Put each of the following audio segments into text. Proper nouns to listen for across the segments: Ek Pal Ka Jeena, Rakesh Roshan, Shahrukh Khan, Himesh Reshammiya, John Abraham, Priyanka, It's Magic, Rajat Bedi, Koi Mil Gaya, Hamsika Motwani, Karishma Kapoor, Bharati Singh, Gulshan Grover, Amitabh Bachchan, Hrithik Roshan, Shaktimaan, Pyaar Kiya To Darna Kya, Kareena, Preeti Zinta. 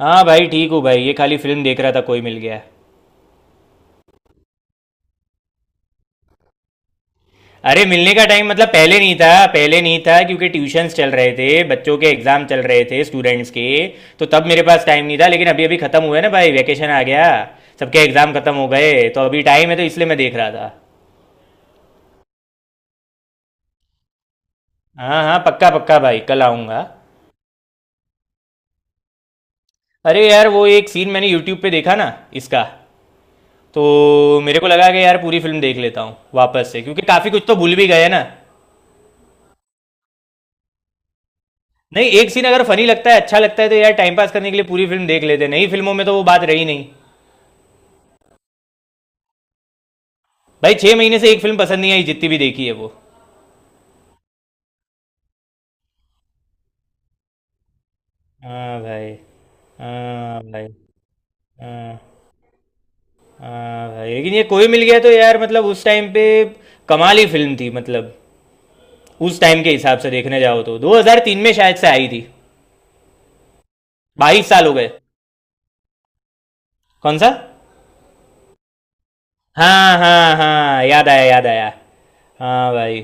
हाँ भाई, ठीक हूँ भाई। ये खाली फिल्म देख रहा था, कोई मिल गया। अरे मिलने का टाइम मतलब पहले नहीं था, पहले नहीं था क्योंकि ट्यूशन्स चल रहे थे, बच्चों के एग्जाम चल रहे थे, स्टूडेंट्स के। तो तब मेरे पास टाइम नहीं था, लेकिन अभी अभी खत्म हुआ है ना भाई, वैकेशन आ गया। सबके एग्जाम खत्म हो गए तो अभी टाइम है, तो इसलिए मैं देख रहा था। हाँ हाँ, पक्का पक्का भाई, कल आऊँगा। अरे यार, वो एक सीन मैंने यूट्यूब पे देखा ना इसका, तो मेरे को लगा कि यार पूरी फिल्म देख लेता हूँ वापस से, क्योंकि काफ़ी कुछ तो भूल भी गए ना। नहीं, एक सीन अगर फनी लगता है, अच्छा लगता है, तो यार टाइम पास करने के लिए पूरी फिल्म देख लेते हैं। नई फिल्मों में तो वो बात रही नहीं भाई। 6 महीने से एक फिल्म पसंद नहीं आई, जितनी भी देखी है वो। हाँ भाई। हाँ भाई। हाँ हाँ भाई, लेकिन ये कोई मिल गया तो यार मतलब उस टाइम पे कमाल ही फिल्म थी, मतलब उस टाइम के हिसाब से देखने जाओ तो 2003 में शायद से आई थी। 22 साल हो गए। कौन सा? हाँ हाँ हाँ, याद आया याद आया। हाँ भाई।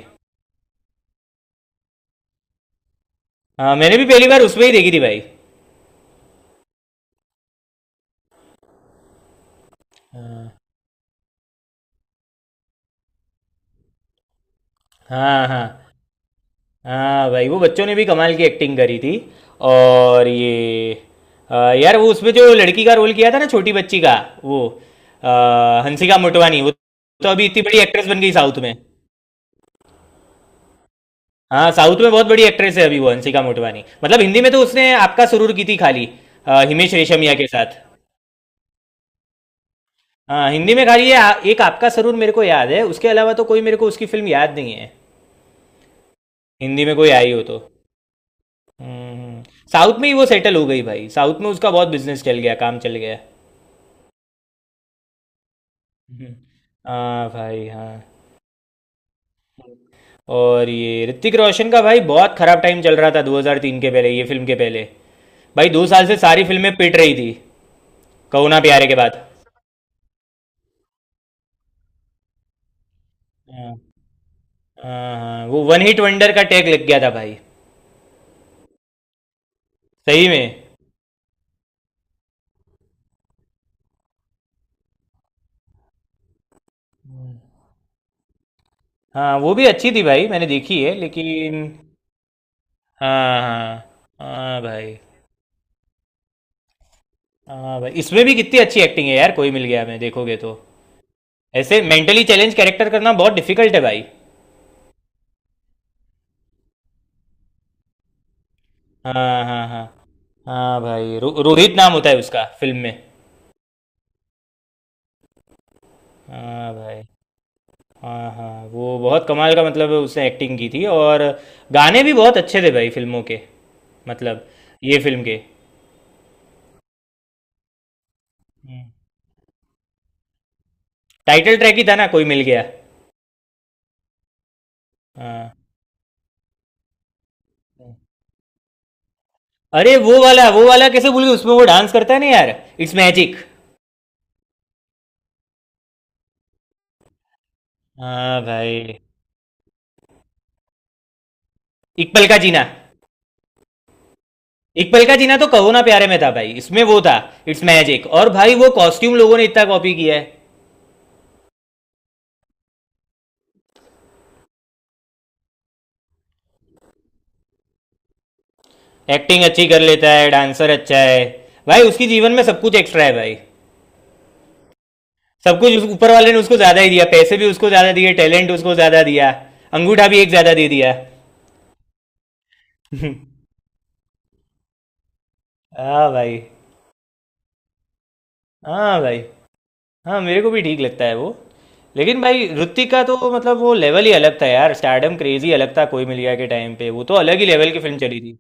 हाँ, मैंने भी पहली बार उसमें ही देखी थी भाई। हाँ हाँ। हाँ भाई, वो बच्चों ने भी कमाल की एक्टिंग करी थी। और ये यार वो उसमें जो लड़की का रोल किया था ना, छोटी बच्ची का, वो हंसिका मोटवानी, वो तो अभी इतनी बड़ी एक्ट्रेस बन गई साउथ में। हाँ साउथ में बहुत बड़ी एक्ट्रेस है अभी वो, हंसिका मोटवानी। मतलब हिंदी में तो उसने आपका सुरूर की थी खाली, हिमेश रेशमिया के साथ। हाँ हिंदी में खाली ये एक आपका सरूर मेरे को याद है, उसके अलावा तो कोई मेरे को उसकी फिल्म याद नहीं है। हिंदी में कोई आई हो तो। हम्म साउथ में ही वो सेटल हो गई भाई, साउथ में उसका बहुत बिजनेस चल गया, काम चल गया। हम्म, हाँ भाई हाँ। और ये ऋतिक रोशन का भाई बहुत खराब टाइम चल रहा था 2003 के पहले, ये फिल्म के पहले। भाई 2 साल से सारी फिल्में पिट रही थी, कहो ना प्यारे के बाद। हाँ हाँ हाँ, वो वन हिट वंडर का टैग लग गया था भाई। सही में। हम्म। हाँ वो भी अच्छी थी भाई, मैंने देखी है लेकिन। हाँ हाँ। हाँ भाई। हाँ भाई, इसमें भी कितनी अच्छी एक्टिंग है यार कोई मिल गया, मैं देखोगे तो। ऐसे मेंटली चैलेंज कैरेक्टर करना बहुत डिफिकल्ट है भाई। हाँ हाँ। हाँ हाँ भाई। रोहित नाम होता है उसका फिल्म में। हाँ भाई। हाँ हाँ वो बहुत कमाल का, मतलब उसने एक्टिंग की थी। और गाने भी बहुत अच्छे थे भाई फिल्मों के, मतलब ये फिल्म के। हम्म। टाइटल ट्रैक ही था ना कोई मिल गया। हाँ। अरे वो वाला कैसे भूल गए, उसमें वो डांस करता है ना यार, इट्स मैजिक। हाँ भाई। एक पल का जीना। एक पल का जीना तो कहो ना प्यारे में था भाई, इसमें वो था इट्स मैजिक। और भाई वो कॉस्ट्यूम लोगों ने इतना कॉपी किया है। एक्टिंग अच्छी कर लेता है, डांसर अच्छा है, भाई उसकी जीवन में सब कुछ एक्स्ट्रा है भाई। ऊपर वाले ने उसको ज्यादा ही दिया, पैसे भी उसको ज्यादा दिए, टैलेंट उसको ज्यादा दिया, अंगूठा भी एक ज्यादा दे दिया। हाँ भाई। हाँ भाई। हाँ मेरे को भी ठीक लगता है वो। लेकिन भाई ऋतिक का तो मतलब वो लेवल ही अलग था यार, स्टारडम क्रेजी अलग था। कोई मिल गया के टाइम पे वो तो अलग ही लेवल की फिल्म चली थी।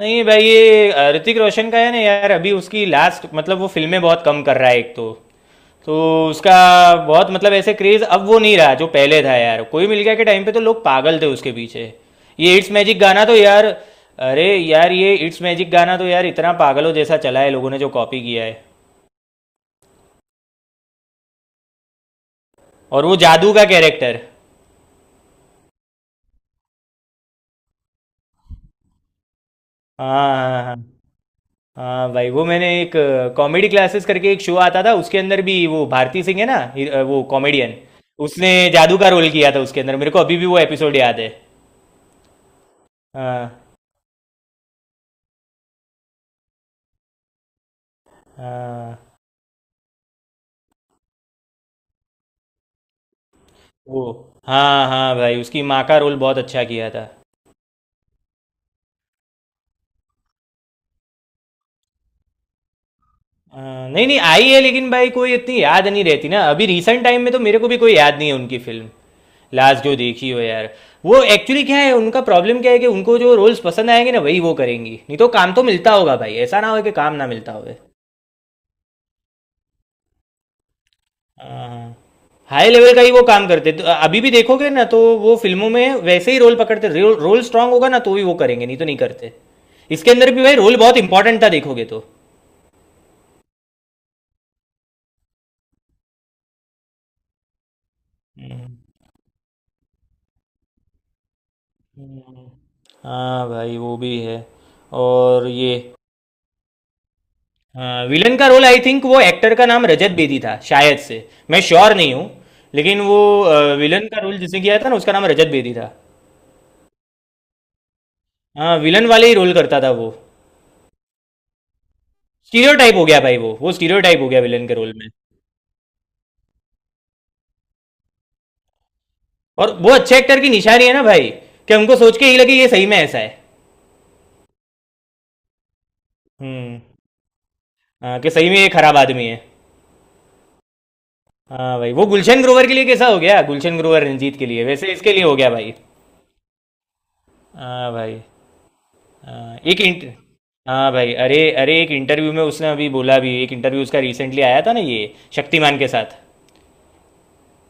नहीं भाई ये ऋतिक रोशन का है ना यार, अभी उसकी लास्ट मतलब वो फिल्में बहुत कम कर रहा है एक तो। तो उसका बहुत मतलब ऐसे क्रेज अब वो नहीं रहा जो पहले था यार। कोई मिल गया के टाइम पे तो लोग पागल थे उसके पीछे। ये इट्स मैजिक गाना तो यार, अरे यार ये इट्स मैजिक गाना तो यार इतना पागलों जैसा चला है, लोगों ने जो कॉपी किया है। और वो जादू का कैरेक्टर। हाँ हाँ हाँ हाँ। हाँ भाई वो मैंने एक कॉमेडी क्लासेस करके एक शो आता था, उसके अंदर भी वो भारती सिंह है ना, वो कॉमेडियन, उसने जादू का रोल किया था। उसके अंदर मेरे को अभी भी वो एपिसोड याद है। हाँ हाँ। ओ। हाँ हाँ भाई, उसकी माँ का रोल बहुत अच्छा किया था। नहीं नहीं आई है, लेकिन भाई कोई इतनी याद नहीं रहती ना, अभी रिसेंट टाइम में तो मेरे को भी कोई याद नहीं है उनकी फिल्म। लास्ट जो देखी हो यार। वो एक्चुअली क्या है, उनका प्रॉब्लम क्या है कि उनको जो रोल्स पसंद आएंगे ना, वही वो करेंगी, नहीं तो काम तो मिलता होगा भाई, ऐसा ना हो कि काम ना मिलता होवे। हाँ। हाई लेवल का ही वो काम करते, तो अभी भी देखोगे ना तो वो फिल्मों में वैसे ही रोल पकड़ते, रोल रोल स्ट्रांग होगा ना तो भी वो करेंगे, नहीं तो नहीं करते। इसके अंदर भी भाई रोल बहुत इंपॉर्टेंट था, देखोगे तो। हाँ भाई वो भी है। और ये हाँ, विलन का रोल, आई थिंक वो एक्टर का नाम रजत बेदी था शायद से, मैं श्योर नहीं हूँ। लेकिन वो विलन का रोल जिसने किया था ना, उसका नाम रजत बेदी था। हाँ विलन वाले ही रोल करता था वो। स्टीरियोटाइप हो गया भाई, वो स्टीरियोटाइप हो गया विलन के रोल में। और वो अच्छे एक्टर की निशानी है ना भाई, कि हमको सोच के ही लगे ये सही में ऐसा है। हम्म। हाँ, कि सही में ये खराब आदमी है। हाँ भाई, वो गुलशन ग्रोवर के लिए कैसा हो गया, गुलशन ग्रोवर रंजीत के लिए, वैसे इसके लिए हो गया भाई। हाँ भाई। अ, एक इंट हाँ भाई, अरे अरे एक इंटरव्यू में उसने अभी बोला भी, एक इंटरव्यू उसका रिसेंटली आया था ना, ये शक्तिमान के साथ।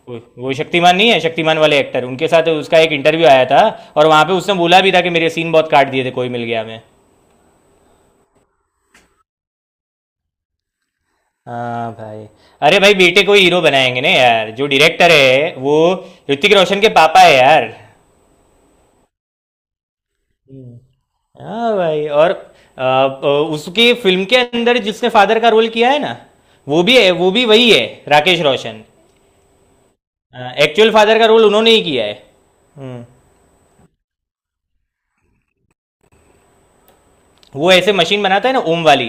वो शक्तिमान नहीं है, शक्तिमान वाले एक्टर, उनके साथ उसका एक इंटरव्यू आया था। और वहाँ पे उसने बोला भी था कि मेरे सीन बहुत काट दिए थे कोई मिल गया मैं हाँ भाई। अरे भाई बेटे को हीरो बनाएंगे ना यार जो डायरेक्टर है वो, ऋतिक रोशन के पापा है यार। हाँ भाई। और उसकी फिल्म के अंदर जिसने फादर का रोल किया है ना, वो भी है, वो भी वही है, राकेश रोशन। एक्चुअल फादर का रोल उन्होंने ही किया है। हम्म। वो ऐसे मशीन बनाता है ना, ओम वाली,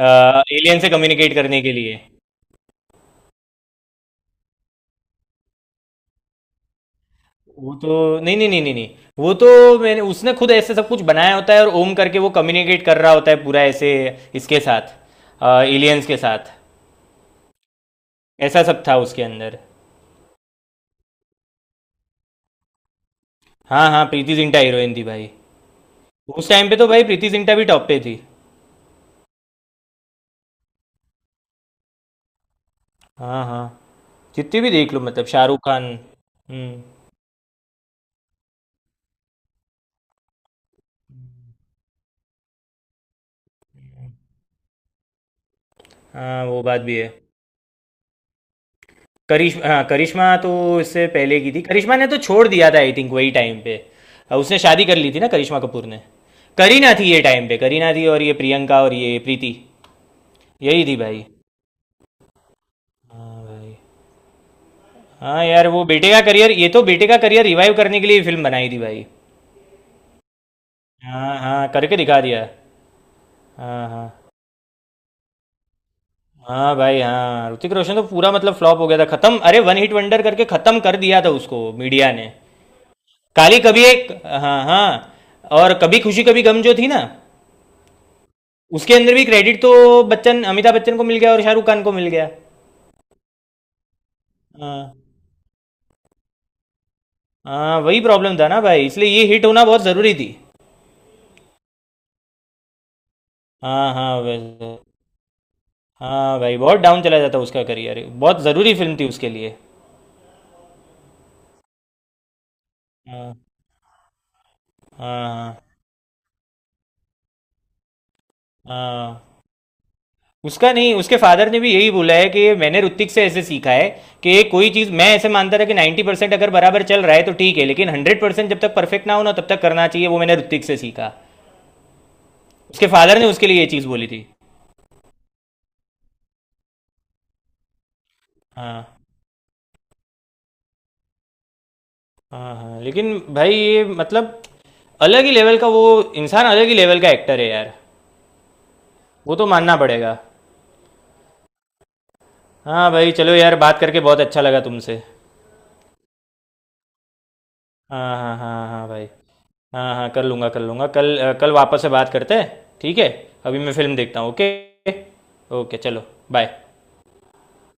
एलियन से कम्युनिकेट करने के लिए। वो तो नहीं नहीं नहीं नहीं नहीं। वो तो मैंने उसने खुद ऐसे सब कुछ बनाया होता है, और ओम करके वो कम्युनिकेट कर रहा होता है पूरा ऐसे, इसके साथ, एलियंस के साथ। ऐसा सब था उसके अंदर। हाँ हाँ, प्रीति जिंटा हीरोइन थी भाई। उस टाइम पे तो भाई प्रीति जिंटा भी टॉप पे थी। हाँ हाँ। जितनी भी देख लो, मतलब शाहरुख खान। हम्म। हाँ वो बात भी है। करिश हाँ, करिश्मा तो इससे पहले की थी। करिश्मा ने तो छोड़ दिया था आई थिंक वही टाइम पे, उसने शादी कर ली थी ना करिश्मा कपूर ने। करीना थी ये टाइम पे, करीना थी और ये प्रियंका और ये प्रीति, यही थी भाई। हाँ भाई। हाँ यार, वो बेटे का करियर, ये तो बेटे का करियर रिवाइव करने के लिए फिल्म बनाई थी भाई। हाँ हाँ करके दिखा दिया। हाँ हाँ। हाँ भाई हाँ, ऋतिक रोशन तो पूरा मतलब फ्लॉप हो गया था, खत्म, अरे वन हिट वंडर करके खत्म कर दिया था उसको मीडिया ने। काली कभी एक हाँ हाँ, और कभी खुशी कभी गम जो थी ना, उसके अंदर भी क्रेडिट तो बच्चन अमिताभ बच्चन को मिल गया और शाहरुख खान को मिल गया। हाँ हाँ, वही प्रॉब्लम था ना भाई, इसलिए ये हिट होना बहुत ज़रूरी थी। हाँ हाँ वैसे- हाँ भाई, बहुत डाउन चला जाता उसका करियर, बहुत ज़रूरी फिल्म थी उसके लिए। हाँ हाँ हाँ हाँ। उसका नहीं, उसके फादर ने भी यही बोला है कि मैंने ऋतिक से ऐसे सीखा है, कि कोई चीज़ मैं ऐसे मानता था कि 90% परसेंट अगर बराबर चल रहा है तो ठीक है, लेकिन 100% जब तक परफेक्ट ना हो ना तब तक करना चाहिए, वो मैंने ऋतिक से सीखा। उसके फादर ने उसके लिए ये चीज़ बोली थी। हाँ हाँ हाँ, लेकिन भाई ये मतलब अलग ही लेवल का वो इंसान, अलग ही लेवल का एक्टर है यार। वो तो मानना पड़ेगा। हाँ भाई चलो यार, बात करके बहुत अच्छा लगा तुमसे। हाँ हाँ हाँ हाँ भाई। हाँ हाँ, कर लूँगा कल, कल वापस से बात करते हैं, ठीक है। अभी मैं फिल्म देखता हूँ, ओके। ओके चलो। बाय।